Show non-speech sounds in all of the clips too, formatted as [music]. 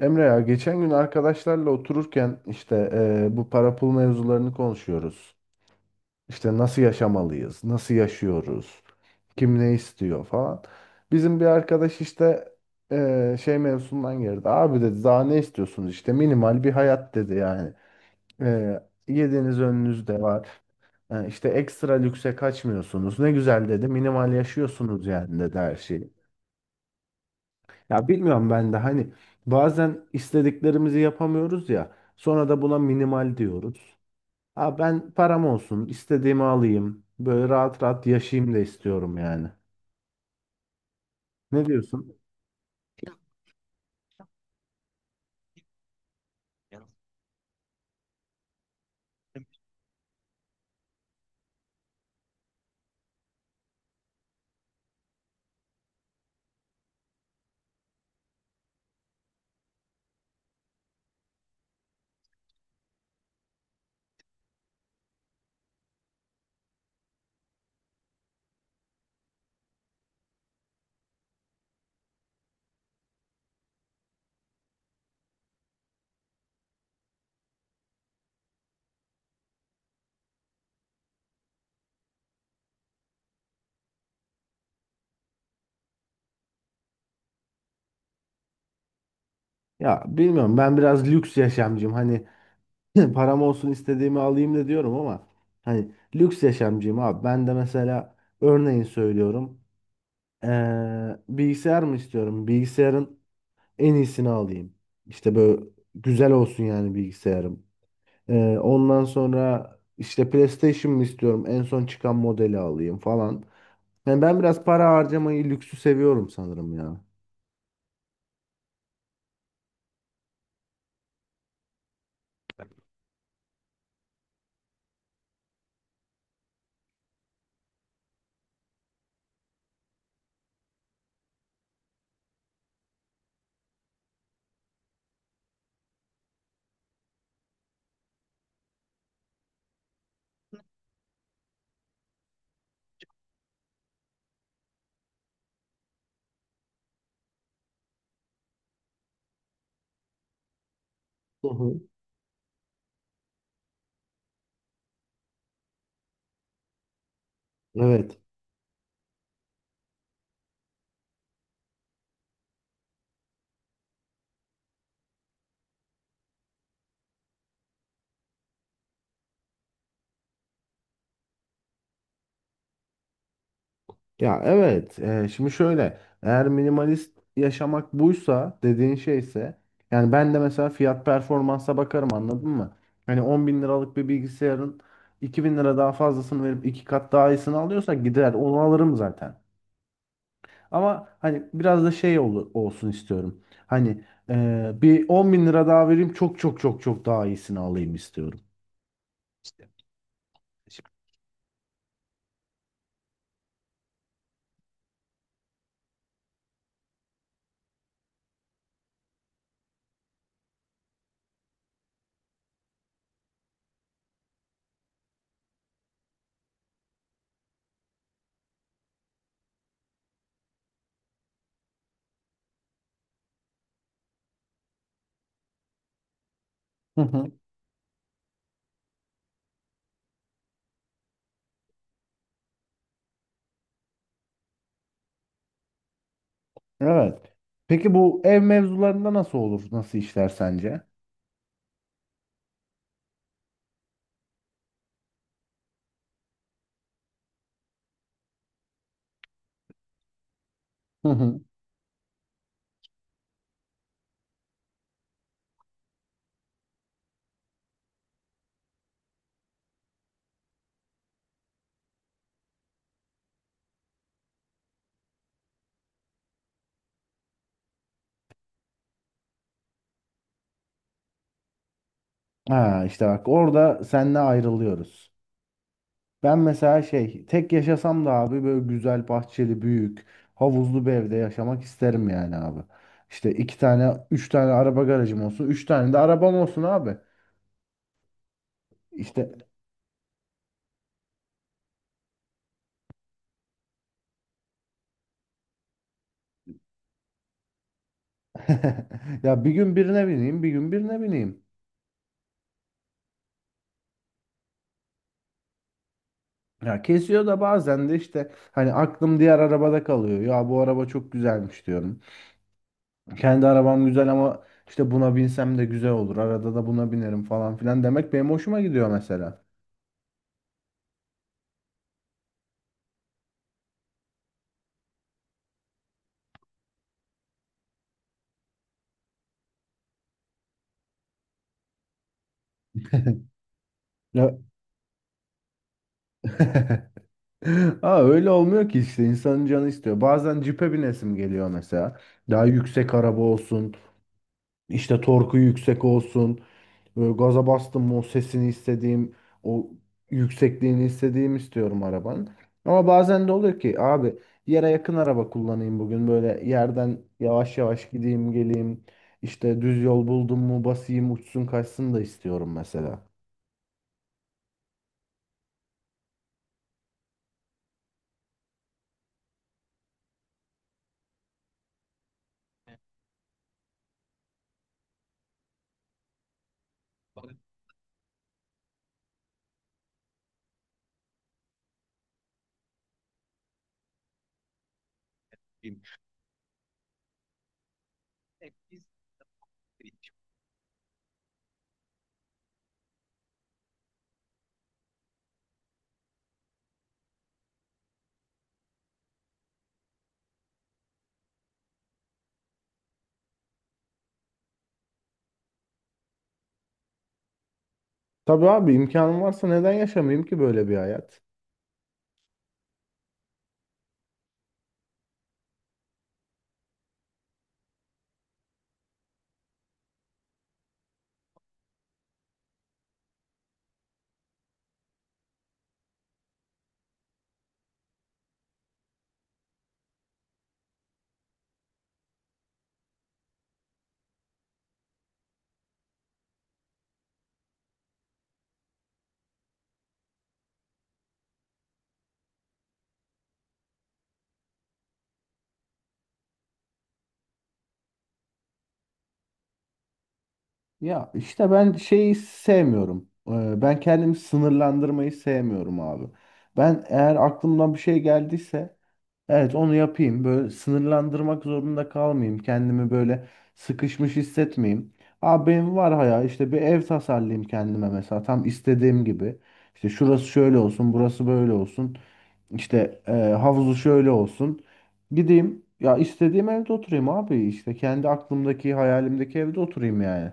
Emre ya geçen gün arkadaşlarla otururken işte bu para pul mevzularını konuşuyoruz. İşte nasıl yaşamalıyız, nasıl yaşıyoruz, kim ne istiyor falan. Bizim bir arkadaş işte şey mevzusundan girdi. Abi dedi daha ne istiyorsunuz işte minimal bir hayat dedi yani. Eee Yediğiniz önünüzde var. Yani işte ekstra lükse kaçmıyorsunuz. Ne güzel dedi minimal yaşıyorsunuz yani dedi her şeyi. Ya bilmiyorum ben de hani bazen istediklerimizi yapamıyoruz ya sonra da buna minimal diyoruz. Ha ben param olsun istediğimi alayım böyle rahat rahat yaşayayım da istiyorum yani. Ne diyorsun? Ya bilmiyorum ben biraz lüks yaşamcıyım hani [laughs] param olsun istediğimi alayım da diyorum ama hani lüks yaşamcıyım abi ben de mesela örneğin söylüyorum bilgisayar mı istiyorum bilgisayarın en iyisini alayım. İşte böyle güzel olsun yani bilgisayarım. Ondan sonra işte PlayStation mı istiyorum? En son çıkan modeli alayım falan. Yani ben biraz para harcamayı, lüksü seviyorum sanırım ya. Hı hı. Evet. Ya evet. Şimdi şöyle. Eğer minimalist yaşamak buysa dediğin şeyse yani ben de mesela fiyat performansa bakarım anladın mı? Hani 10 bin liralık bir bilgisayarın 2 bin lira daha fazlasını verip 2 kat daha iyisini alıyorsa gider onu alırım zaten. Ama hani biraz da şey olsun istiyorum. Hani bir 10 bin lira daha vereyim çok çok çok çok daha iyisini alayım istiyorum. Hı hı. Evet. Peki bu ev mevzularında nasıl olur? Nasıl işler sence? Hı hı. Ha işte bak orada seninle ayrılıyoruz. Ben mesela şey tek yaşasam da abi böyle güzel bahçeli büyük havuzlu bir evde yaşamak isterim yani abi. İşte iki tane üç tane araba garajım olsun. Üç tane de arabam olsun abi. İşte [laughs] ya bir gün birine bineyim, bir gün birine bineyim. Ya kesiyor da bazen de işte hani aklım diğer arabada kalıyor. Ya bu araba çok güzelmiş diyorum. Kendi arabam güzel ama işte buna binsem de güzel olur. Arada da buna binerim falan filan demek benim hoşuma gidiyor mesela. [laughs] Ya... [laughs] Aa, öyle olmuyor ki işte insanın canı istiyor. Bazen cipe binesim geliyor mesela. Daha yüksek araba olsun, işte torku yüksek olsun. Böyle gaza bastım o sesini istediğim, o yüksekliğini istediğim istiyorum arabanın. Ama bazen de oluyor ki abi yere yakın araba kullanayım bugün. Böyle yerden yavaş yavaş gideyim geleyim. İşte düz yol buldum mu basayım uçsun kaçsın da istiyorum mesela. Tabii abi imkanım varsa neden yaşamayayım ki böyle bir hayat? Ya işte ben şeyi sevmiyorum. Ben kendimi sınırlandırmayı sevmiyorum abi. Ben eğer aklımdan bir şey geldiyse evet onu yapayım. Böyle sınırlandırmak zorunda kalmayayım. Kendimi böyle sıkışmış hissetmeyeyim. Abi benim var hayal işte bir ev tasarlayayım kendime mesela tam istediğim gibi. İşte şurası şöyle olsun, burası böyle olsun. İşte havuzu şöyle olsun. Gideyim ya istediğim evde oturayım abi işte kendi aklımdaki hayalimdeki evde oturayım yani.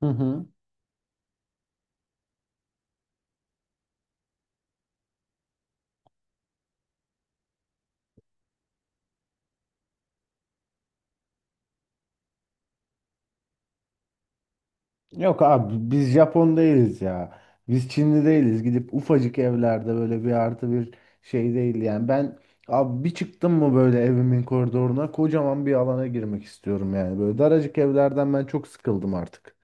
Hı hı. Yok abi biz Japon değiliz ya. Biz Çinli değiliz. Gidip ufacık evlerde böyle bir artı bir şey değil yani. Ben abi bir çıktım mı böyle evimin koridoruna kocaman bir alana girmek istiyorum yani. Böyle daracık evlerden ben çok sıkıldım artık.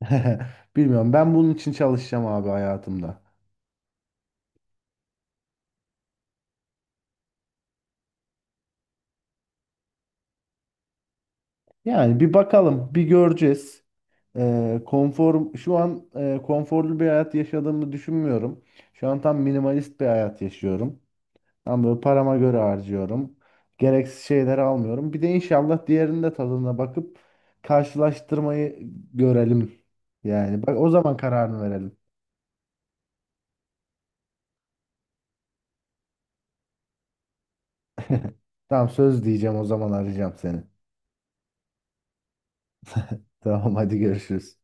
[laughs] Bilmiyorum ben bunun için çalışacağım abi hayatımda. Yani bir bakalım bir göreceğiz. Konfor şu an konforlu bir hayat yaşadığımı düşünmüyorum. Şu an tam minimalist bir hayat yaşıyorum. Ama böyle parama göre harcıyorum. Gereksiz şeyleri almıyorum. Bir de inşallah diğerinin de tadına bakıp karşılaştırmayı görelim. Yani bak o zaman kararını verelim. [laughs] Tamam söz diyeceğim o zaman arayacağım seni. Tamam hadi görüşürüz.